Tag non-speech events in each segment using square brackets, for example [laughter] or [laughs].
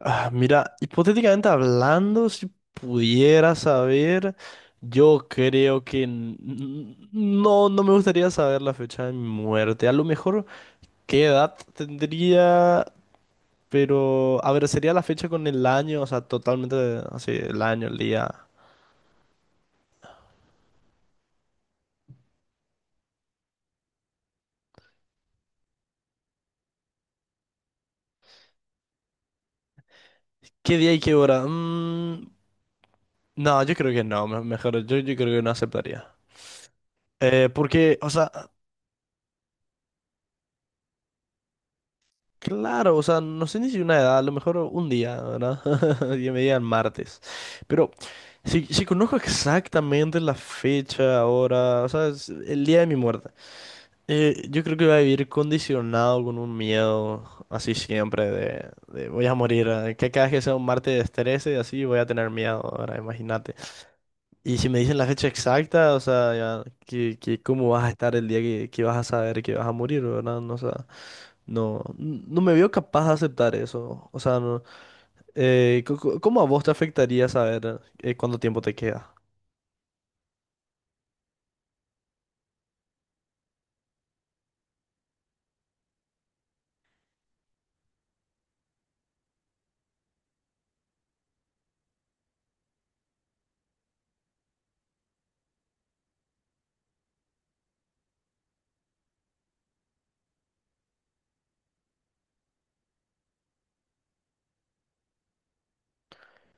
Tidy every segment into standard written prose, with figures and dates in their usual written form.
Ah, mira, hipotéticamente hablando, si pudiera saber, yo creo que no me gustaría saber la fecha de mi muerte. A lo mejor qué edad tendría, pero a ver, sería la fecha con el año, o sea, totalmente así, el año, el día. ¿Qué día y qué hora? No, yo creo que no, mejor, yo creo que no aceptaría. Porque, o sea, claro, o sea, no sé ni si una edad, a lo mejor un día, ¿verdad? [laughs] Y me digan martes. Pero si conozco exactamente la fecha, ahora, o sea, es el día de mi muerte, yo creo que voy a vivir condicionado con un miedo así siempre de voy a morir, que cada vez que sea un martes 13 y así voy a tener miedo, ahora imagínate. Y si me dicen la fecha exacta, o sea, ya, que cómo vas a estar el día que vas a saber que vas a morir, ¿verdad? No, o sea, no, no me veo capaz de aceptar eso. O sea, no, ¿cómo a vos te afectaría saber cuánto tiempo te queda?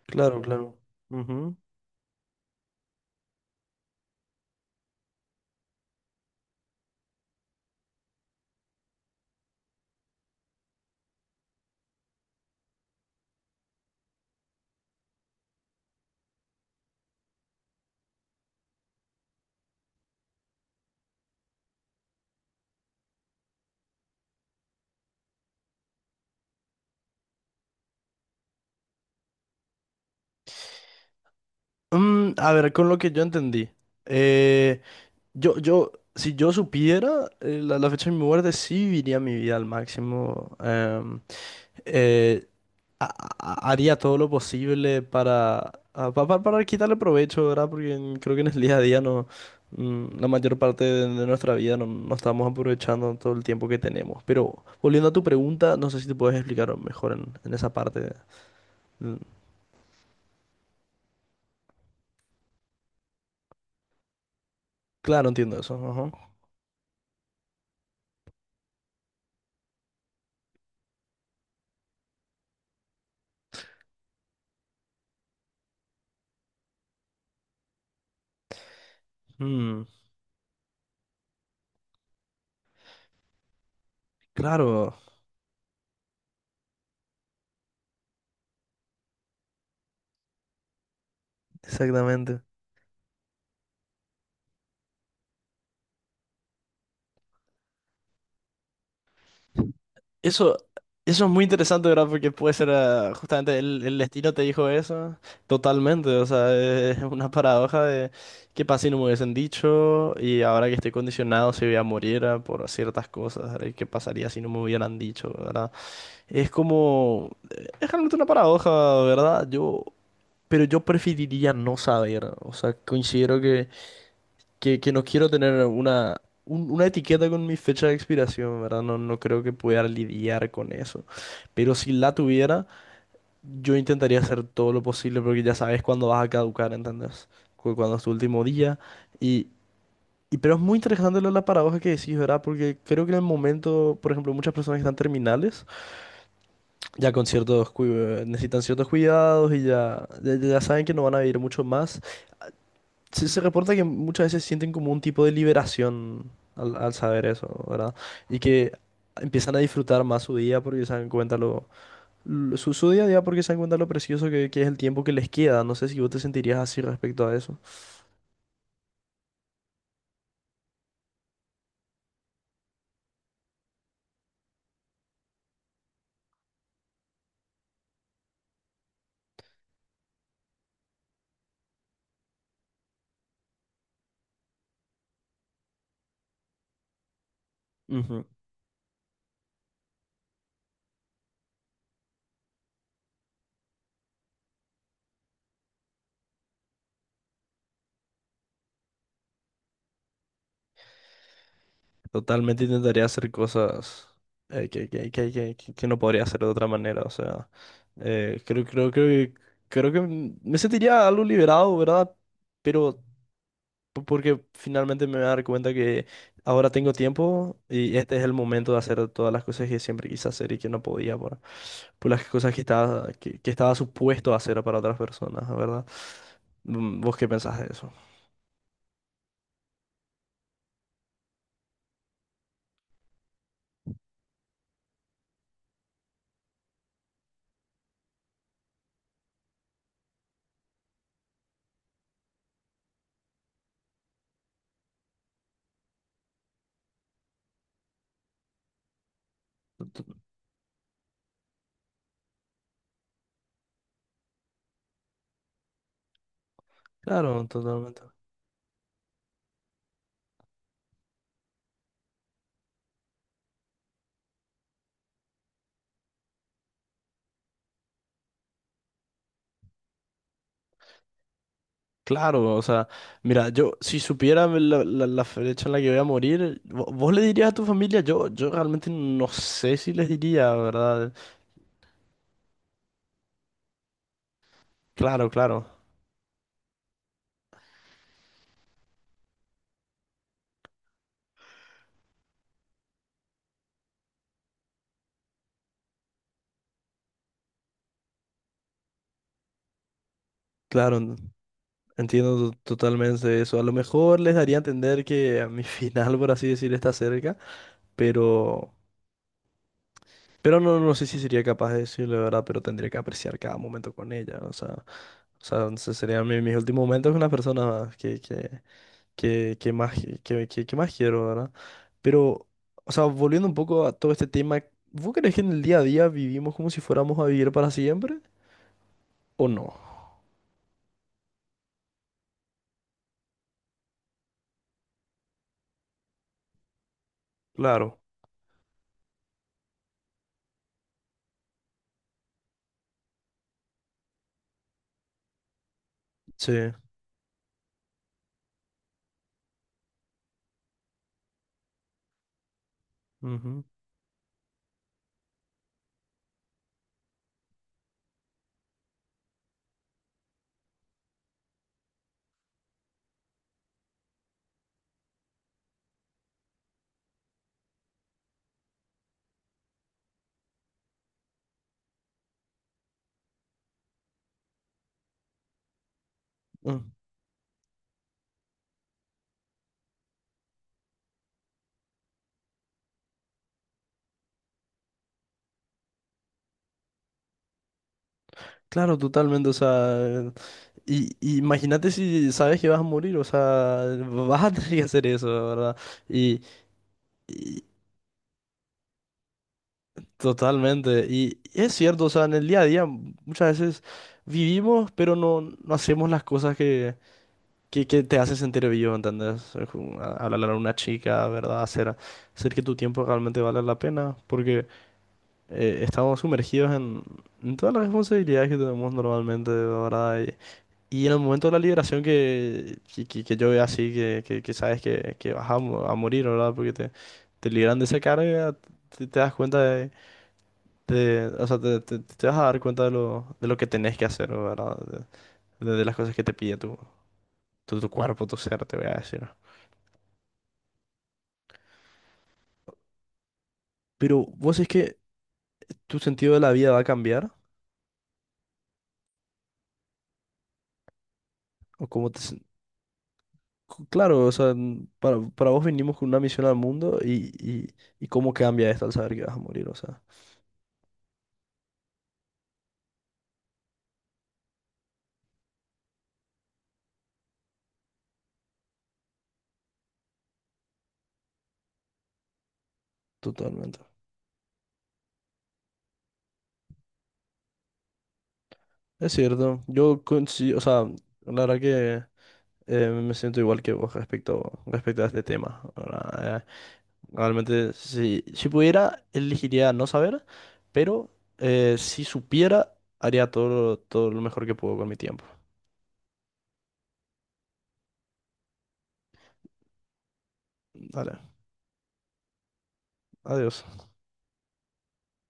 Claro, claro. Ujú. Mm, a ver, con lo que yo entendí. eh, yo, si yo supiera la fecha de mi muerte, sí viviría mi vida al máximo. Eh, ha- Haría todo lo posible para, para quitarle provecho, ¿verdad? Creo que en el día a día no, mm, la mayor parte de nuestra vida no, no estamos aprovechando todo el tiempo que tenemos. Pero volviendo a tu pregunta, no sé si te puedes explicar mejor en esa parte. Mm, claro, entiendo eso. Ajá. Mm, claro, exactamente. Eso, eso es muy interesante, ¿verdad? Porque puede ser, ah, justamente el destino te dijo eso, totalmente, o sea, es una paradoja de qué pasa si no me hubiesen dicho y ahora que estoy condicionado si voy a morir ah, por ciertas cosas, ¿verdad? ¿Y qué pasaría si no me hubieran dicho, ¿verdad? Es como, es realmente una paradoja, ¿verdad? Yo, pero yo preferiría no saber, o sea, considero que no quiero tener una etiqueta con mi fecha de expiración, ¿verdad? No, no creo que pueda lidiar con eso. Pero si la tuviera, yo intentaría hacer todo lo posible porque ya sabes cuándo vas a caducar, ¿entendés? Cuándo es tu último día. Y, y pero es muy interesante lo de la paradoja que decís, ¿verdad? Porque creo que en el momento, por ejemplo, muchas personas que están terminales ya con necesitan ciertos cuidados y ya saben que no van a vivir mucho más. Se reporta que muchas veces sienten como un tipo de liberación al saber eso, ¿verdad? Y que empiezan a disfrutar más su día porque se dan cuenta su día a día porque se dan cuenta lo precioso que es el tiempo que les queda. No sé si vos te sentirías así respecto a eso. Ujú. Totalmente intentaría hacer cosas que no podría hacer de otra manera. O sea, eh, creo, creo, creo que creo que me sentiría algo liberado, ¿verdad? Pero porque finalmente me voy a dar cuenta que ahora tengo tiempo y este es el momento de hacer todas las cosas que siempre quise hacer y que no podía por las cosas que estaba, que estaba supuesto a hacer para otras personas, ¿verdad? Mm, ¿vos qué pensás de eso? T- Claro, totalmente. Claro, o sea, mira, yo si supiera la fecha en la que voy a morir, vos le dirías a tu familia, yo realmente no sé si les diría, ¿verdad? Claro, claro, claro. Entiendo totalmente eso. A lo mejor les daría a entender que a mi [laughs] final, por así decir, está cerca, pero, pero no, no sé si sería capaz de decirle, ¿verdad? Pero tendría que apreciar cada momento con ella. O sea, serían mis últimos momentos con la persona que más, que más quiero, ¿verdad? Pero, o sea, volviendo un poco a todo este tema, ¿vos crees que en el día a día vivimos como si fuéramos a vivir para siempre? ¿O no? Claro. Sí. Ujú. Mm. Claro, totalmente, o sea, y imagínate si sabes que vas a morir, o sea, [laughs] vas a tener que hacer eso, la ¿verdad? Y, y totalmente, y es cierto, o sea, en el día a día muchas veces vivimos, pero no, no hacemos las cosas que te hacen sentir vivo, ¿entendés? Es como hablar a una chica, ¿verdad? Hacer, hacer que tu tiempo realmente valga la pena, porque estamos sumergidos en todas las responsabilidades que tenemos normalmente, ¿verdad? Y en el momento de la liberación que yo veo así, que sabes que vas a, a morir, ¿verdad? Porque te liberan de esa carga, te das cuenta de- o sea, te, te vas a dar cuenta de lo que tenés que hacer, ¿verdad? De las cosas que te pide tu, tu, tu cuerpo, tu ser, te voy a decir. Pero vos es que tu sentido de la vida va a cambiar, o cómo te, cu- claro, o sea, n- para vos vinimos con una misión al mundo y cómo cambia esto al saber que vas a morir, o sea. Totalmente. Es cierto. Yo coincido, o sea, la verdad que me siento igual que vos respecto, respecto a este tema. ¿Verdad? Realmente, si, si pudiera, elegiría no saber, pero si supiera, haría todo, todo lo mejor que puedo con mi tiempo. Dale, adiós.